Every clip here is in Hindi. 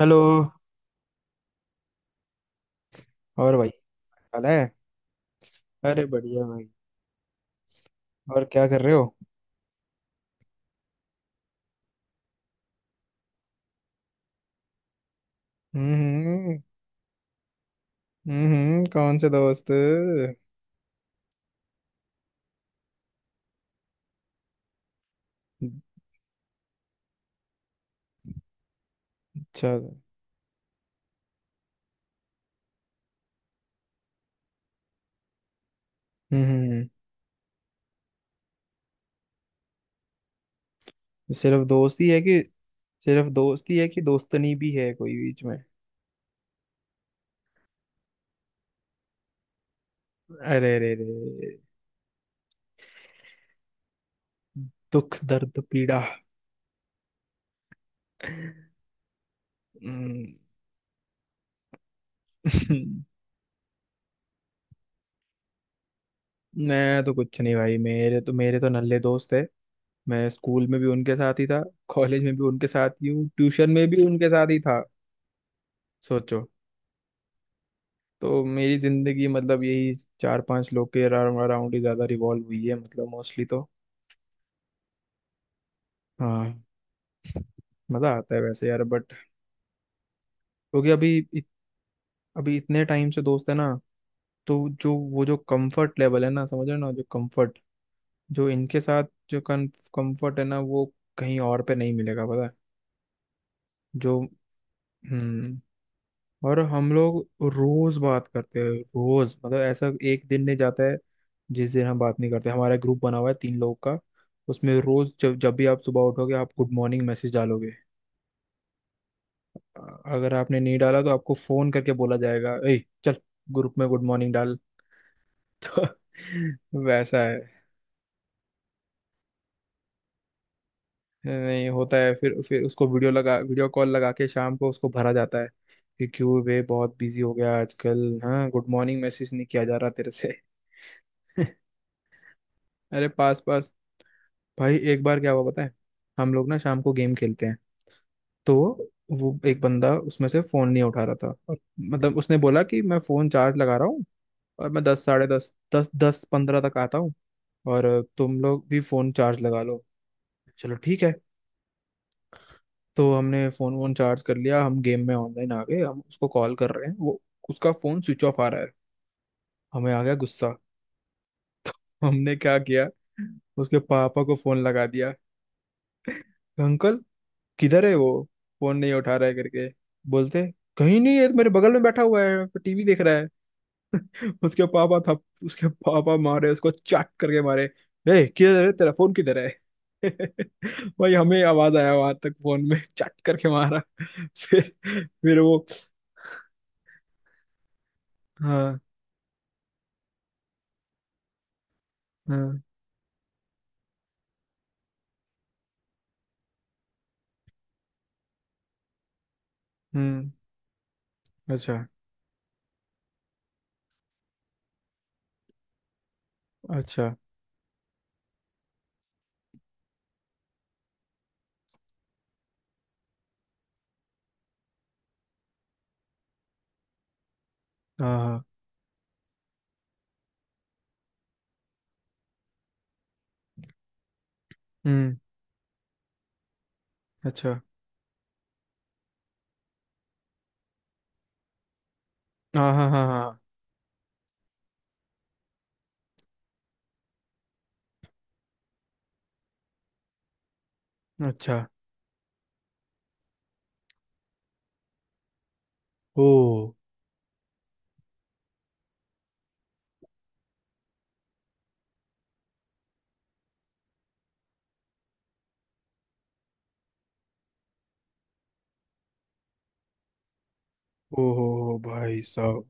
हेलो। और भाई हाल है। अरे बढ़िया भाई। और क्या कर रहे हो? हम्म। हम्म, कौन से दोस्त? अच्छा। हम्म। सिर्फ दोस्ती है कि सिर्फ दोस्ती है कि दोस्तनी भी है कोई बीच में? अरे अरे अरे। दुख दर्द पीड़ा। हम्म, मैं तो कुछ नहीं भाई। मेरे तो नल्ले दोस्त है। मैं स्कूल में भी उनके साथ ही था। कॉलेज में भी उनके साथ ही हूँ, ट्यूशन में भी उनके साथ ही था। सोचो। तो मेरी जिंदगी मतलब यही। चार पांच लोग के अराउंड ही ज्यादा रिवॉल्व हुई है, मतलब मोस्टली तो। हाँ। मजा आता है वैसे यार, बट क्योंकि अभी अभी इतने टाइम से दोस्त है ना। तो जो वो जो कंफर्ट लेवल है ना, समझ रहे हो ना? जो कंफर्ट जो इनके साथ जो कंफर्ट है ना, वो कहीं और पे नहीं मिलेगा पता है। जो हम्म। और हम लोग रोज बात करते हैं। रोज मतलब ऐसा एक दिन नहीं जाता है जिस दिन हम बात नहीं करते। हमारा ग्रुप बना हुआ है तीन लोग का। उसमें रोज जब जब भी आप सुबह उठोगे, आप गुड मॉर्निंग मैसेज डालोगे। अगर आपने नहीं डाला तो आपको फोन करके बोला जाएगा, ए चल, ग्रुप में गुड मॉर्निंग डाल। तो वैसा है। नहीं होता है। फिर उसको वीडियो लगा, वीडियो कॉल लगा के शाम को उसको भरा जाता है कि क्यों बे, बहुत बिजी हो गया आजकल? हाँ, गुड मॉर्निंग मैसेज नहीं किया जा रहा तेरे से। अरे पास पास। भाई एक बार क्या हुआ पता है। हम लोग ना शाम को गेम खेलते हैं। तो वो एक बंदा उसमें से फोन नहीं उठा रहा था। और मतलब उसने बोला कि मैं फोन चार्ज लगा रहा हूँ और मैं दस, साढ़े दस, दस पंद्रह तक आता हूँ। और तुम लोग भी फोन चार्ज लगा लो। चलो ठीक है। तो हमने फोन वोन चार्ज कर लिया। हम गेम में ऑनलाइन आ गए। हम उसको कॉल कर रहे हैं, वो उसका फोन स्विच ऑफ आ रहा है। हमें आ गया गुस्सा। तो हमने क्या किया, उसके पापा को फोन लगा दिया। अंकल किधर है वो? फोन नहीं उठा रहा है करके। बोलते कहीं नहीं है, तो मेरे बगल में बैठा हुआ है टीवी देख रहा है। उसके पापा था। उसके पापा मारे उसको, चाट करके मारे। ए किधर है तेरा फोन किधर है? भाई हमें आवाज आया वहां तक, फोन में चाट करके मारा। फिर वो। हाँ हाँ। हम्म। अच्छा। अच्छा। हाँ हाँ। हम्म। अच्छा। हाँ हाँ हाँ हाँ। अच्छा। ओ। ओ हो, भाई साहब।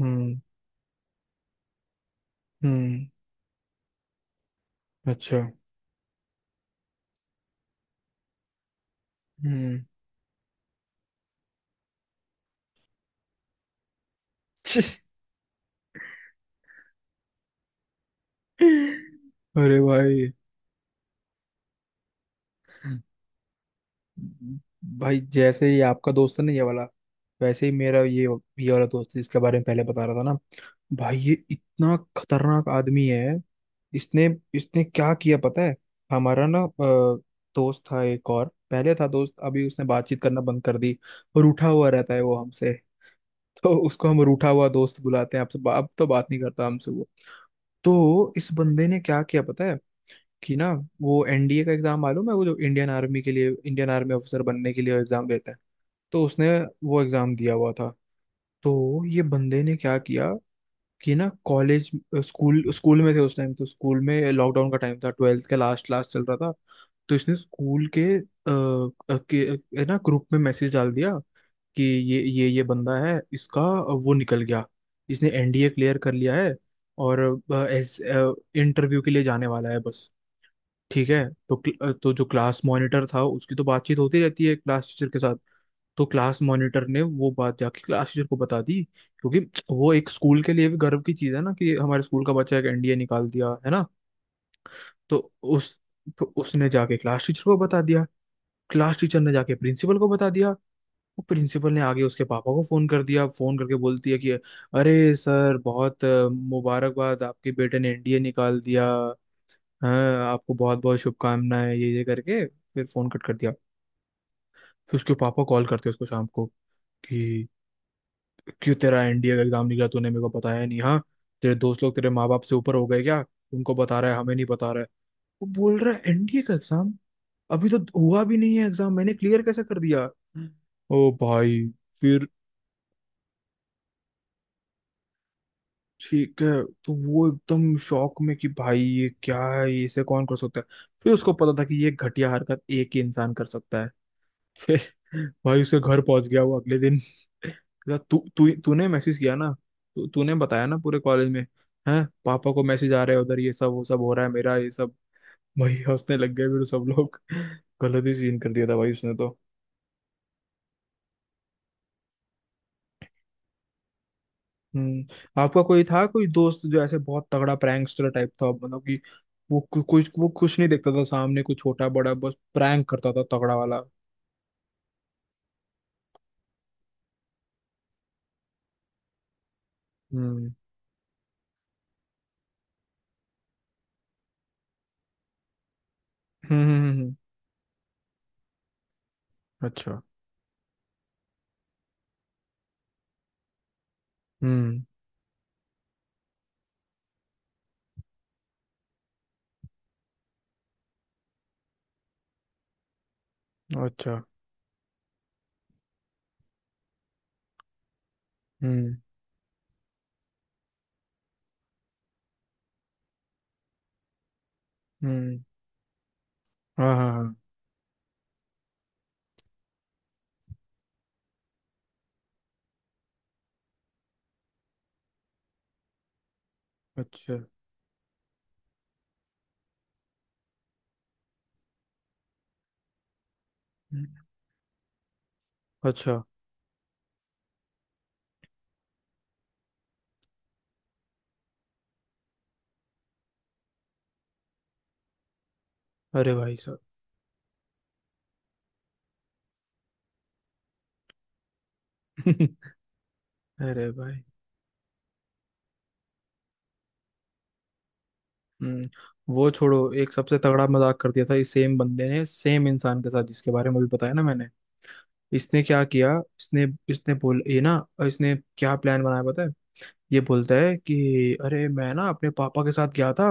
हम्म। हम्म। अच्छा। हम्म। अरे भाई। भाई जैसे ही आपका दोस्त है ना ये वाला, वैसे ही मेरा ये वाला दोस्त है, जिसके बारे में पहले बता रहा था ना। भाई ये इतना खतरनाक आदमी है। इसने इसने क्या किया पता है। हमारा ना दोस्त था एक और, पहले था दोस्त, अभी उसने बातचीत करना बंद कर दी। रूठा हुआ रहता है वो हमसे। तो उसको हम रूठा हुआ दोस्त बुलाते हैं। आपसे अब तो बात नहीं करता हमसे वो। तो इस बंदे ने क्या किया पता है कि ना, वो एनडीए का एग्जाम मालूम है, वो जो इंडियन आर्मी के लिए, इंडियन आर्मी ऑफिसर बनने के लिए एग्जाम देता है। तो उसने वो एग्जाम दिया हुआ था। तो ये बंदे ने क्या किया कि ना, कॉलेज स्कूल स्कूल में थे उस टाइम, तो स्कूल में लॉकडाउन का टाइम था, ट्वेल्थ का लास्ट लास्ट चल रहा था। तो इसने स्कूल के ना ग्रुप में मैसेज डाल दिया कि ये बंदा है, इसका वो निकल गया, इसने एनडीए क्लियर कर लिया है और एस इंटरव्यू के लिए जाने वाला है बस। ठीक है। तो तो जो क्लास मॉनिटर था उसकी तो बातचीत होती रहती है क्लास टीचर के साथ। तो क्लास मॉनिटर ने वो बात जाके क्लास टीचर को बता दी। क्योंकि वो एक स्कूल के लिए भी गर्व की चीज है ना कि हमारे स्कूल का बच्चा एक एनडीए निकाल दिया है ना। तो उस तो उसने जाके क्लास टीचर को बता दिया। क्लास टीचर ने जाके प्रिंसिपल को बता दिया। वो प्रिंसिपल ने आगे उसके पापा को फोन कर दिया, फोन करके बोलती है कि अरे सर बहुत मुबारकबाद, आपके बेटे ने एनडीए निकाल दिया। हाँ आपको बहुत बहुत शुभकामनाएं, ये करके फिर फोन कट कर दिया। फिर उसके पापा कॉल करते हैं उसको शाम को कि क्यों तेरा एनडीए का एग्जाम निकला, तूने मेरे को बताया नहीं हाँ? तेरे दोस्त लोग तेरे माँ बाप से ऊपर हो गए क्या? उनको बता रहा है हमें नहीं बता रहा है। वो बोल रहा है एनडीए का एग्जाम अभी तो हुआ भी नहीं है एग्जाम, मैंने क्लियर कैसे कर दिया? ओ भाई। फिर ठीक है, तो वो एकदम शॉक में कि भाई ये क्या है, ये इसे कौन कर सकता है। फिर उसको पता था कि ये घटिया हरकत एक ही इंसान कर सकता है। फिर भाई उसके घर पहुंच गया वो अगले दिन। कहता, तू तू तूने मैसेज किया ना? तू तूने बताया ना पूरे कॉलेज में? हैं? पापा को मैसेज आ रहे हैं उधर, ये सब वो सब हो रहा है मेरा ये सब। भाई हंसने लग गए फिर सब लोग। गलत ही सीन कर दिया था भाई उसने तो। हम्म। आपका कोई था कोई दोस्त जो ऐसे बहुत तगड़ा प्रैंकस्टर टाइप था, मतलब कि वो कु- कुछ वो कुछ नहीं देखता था सामने कुछ छोटा बड़ा, बस प्रैंक करता था तगड़ा वाला। हम्म। हम्म। अच्छा। हम्म। अच्छा। हम्म। हम्म। हाँ हाँ हाँ। अच्छा। हम्म, अच्छा। अरे भाई साहब। अरे भाई। हम्म। वो छोड़ो, एक सबसे तगड़ा मजाक कर दिया था इस सेम बंदे ने, सेम इंसान के साथ जिसके बारे में अभी बताया ना मैंने। इसने क्या किया इसने। इसने बोल ये ना, इसने क्या प्लान बनाया पता है। ये बोलता है कि अरे मैं ना अपने पापा के साथ गया था।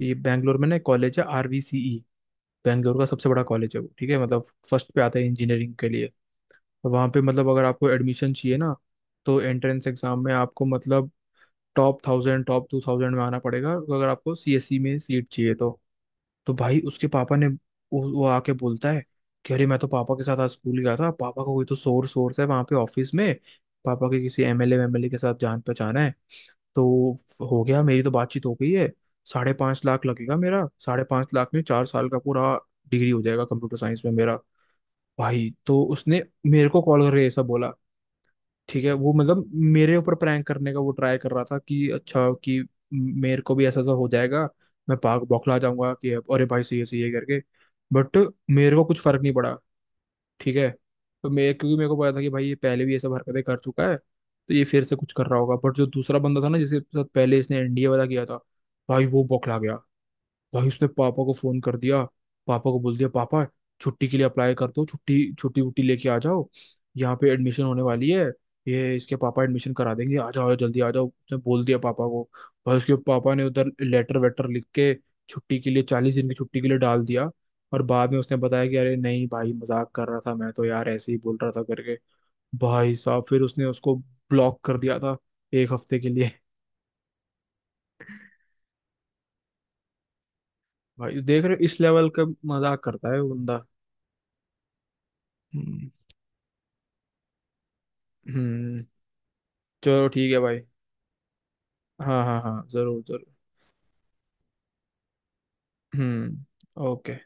ये बैंगलोर में ना कॉलेज है आरवीसीई, बैंगलोर का सबसे बड़ा कॉलेज है वो, ठीक है, मतलब फर्स्ट पे आता है इंजीनियरिंग के लिए। वहां पे मतलब अगर आपको एडमिशन चाहिए ना, तो एंट्रेंस एग्जाम में आपको मतलब टॉप 1000, टॉप 2000 में आना पड़ेगा अगर आपको सीएससी में सीट चाहिए तो। तो भाई उसके पापा ने वो आके बोलता है कि अरे मैं तो पापा के साथ आज स्कूल गया था, पापा का कोई तो सोर्स सोर्स है वहाँ पे ऑफिस में, पापा के किसी एमएलए एमएलए के साथ जान पहचान है। तो हो गया, मेरी तो बातचीत हो गई है। 5.5 लाख लगेगा मेरा, 5.5 लाख में 4 साल का पूरा डिग्री हो जाएगा कंप्यूटर साइंस में मेरा। भाई तो उसने मेरे को कॉल करके ऐसा बोला। ठीक है, वो मतलब मेरे ऊपर प्रैंक करने का वो ट्राई कर रहा था कि अच्छा, कि मेरे को भी ऐसा ऐसा हो जाएगा, मैं भाग बौखला जाऊंगा कि अब अरे भाई सही है करके। बट मेरे को कुछ फर्क नहीं पड़ा। ठीक है। तो मैं क्योंकि मेरे को पता था कि भाई ये पहले भी ये सब हरकतें कर चुका है, तो ये फिर से कुछ कर रहा होगा। बट जो दूसरा बंदा था ना, जिसके साथ पहले इसने एनडीए वाला किया था, भाई वो बौखला गया। भाई उसने पापा को फोन कर दिया, पापा को बोल दिया, पापा छुट्टी के लिए अप्लाई कर दो, छुट्टी छुट्टी वुट्टी लेके आ जाओ, यहाँ पे एडमिशन होने वाली है, ये इसके पापा एडमिशन करा देंगे, आ जाओ जल्दी आ जाओ, उसने बोल दिया पापा को। भाई उसके पापा ने उधर लेटर वेटर लिख के छुट्टी के लिए, 40 दिन की छुट्टी के लिए डाल दिया। और बाद में उसने बताया कि अरे नहीं भाई मजाक कर रहा था मैं तो, यार ऐसे ही बोल रहा था करके। भाई साहब फिर उसने उसको ब्लॉक कर दिया था, एक हफ्ते के लिए। भाई देख रहे हो, इस लेवल का मजाक करता है वो बंदा। हम्म। हम्म। चलो ठीक है भाई। हाँ हाँ हाँ, जरूर जरूर। हम्म। ओके।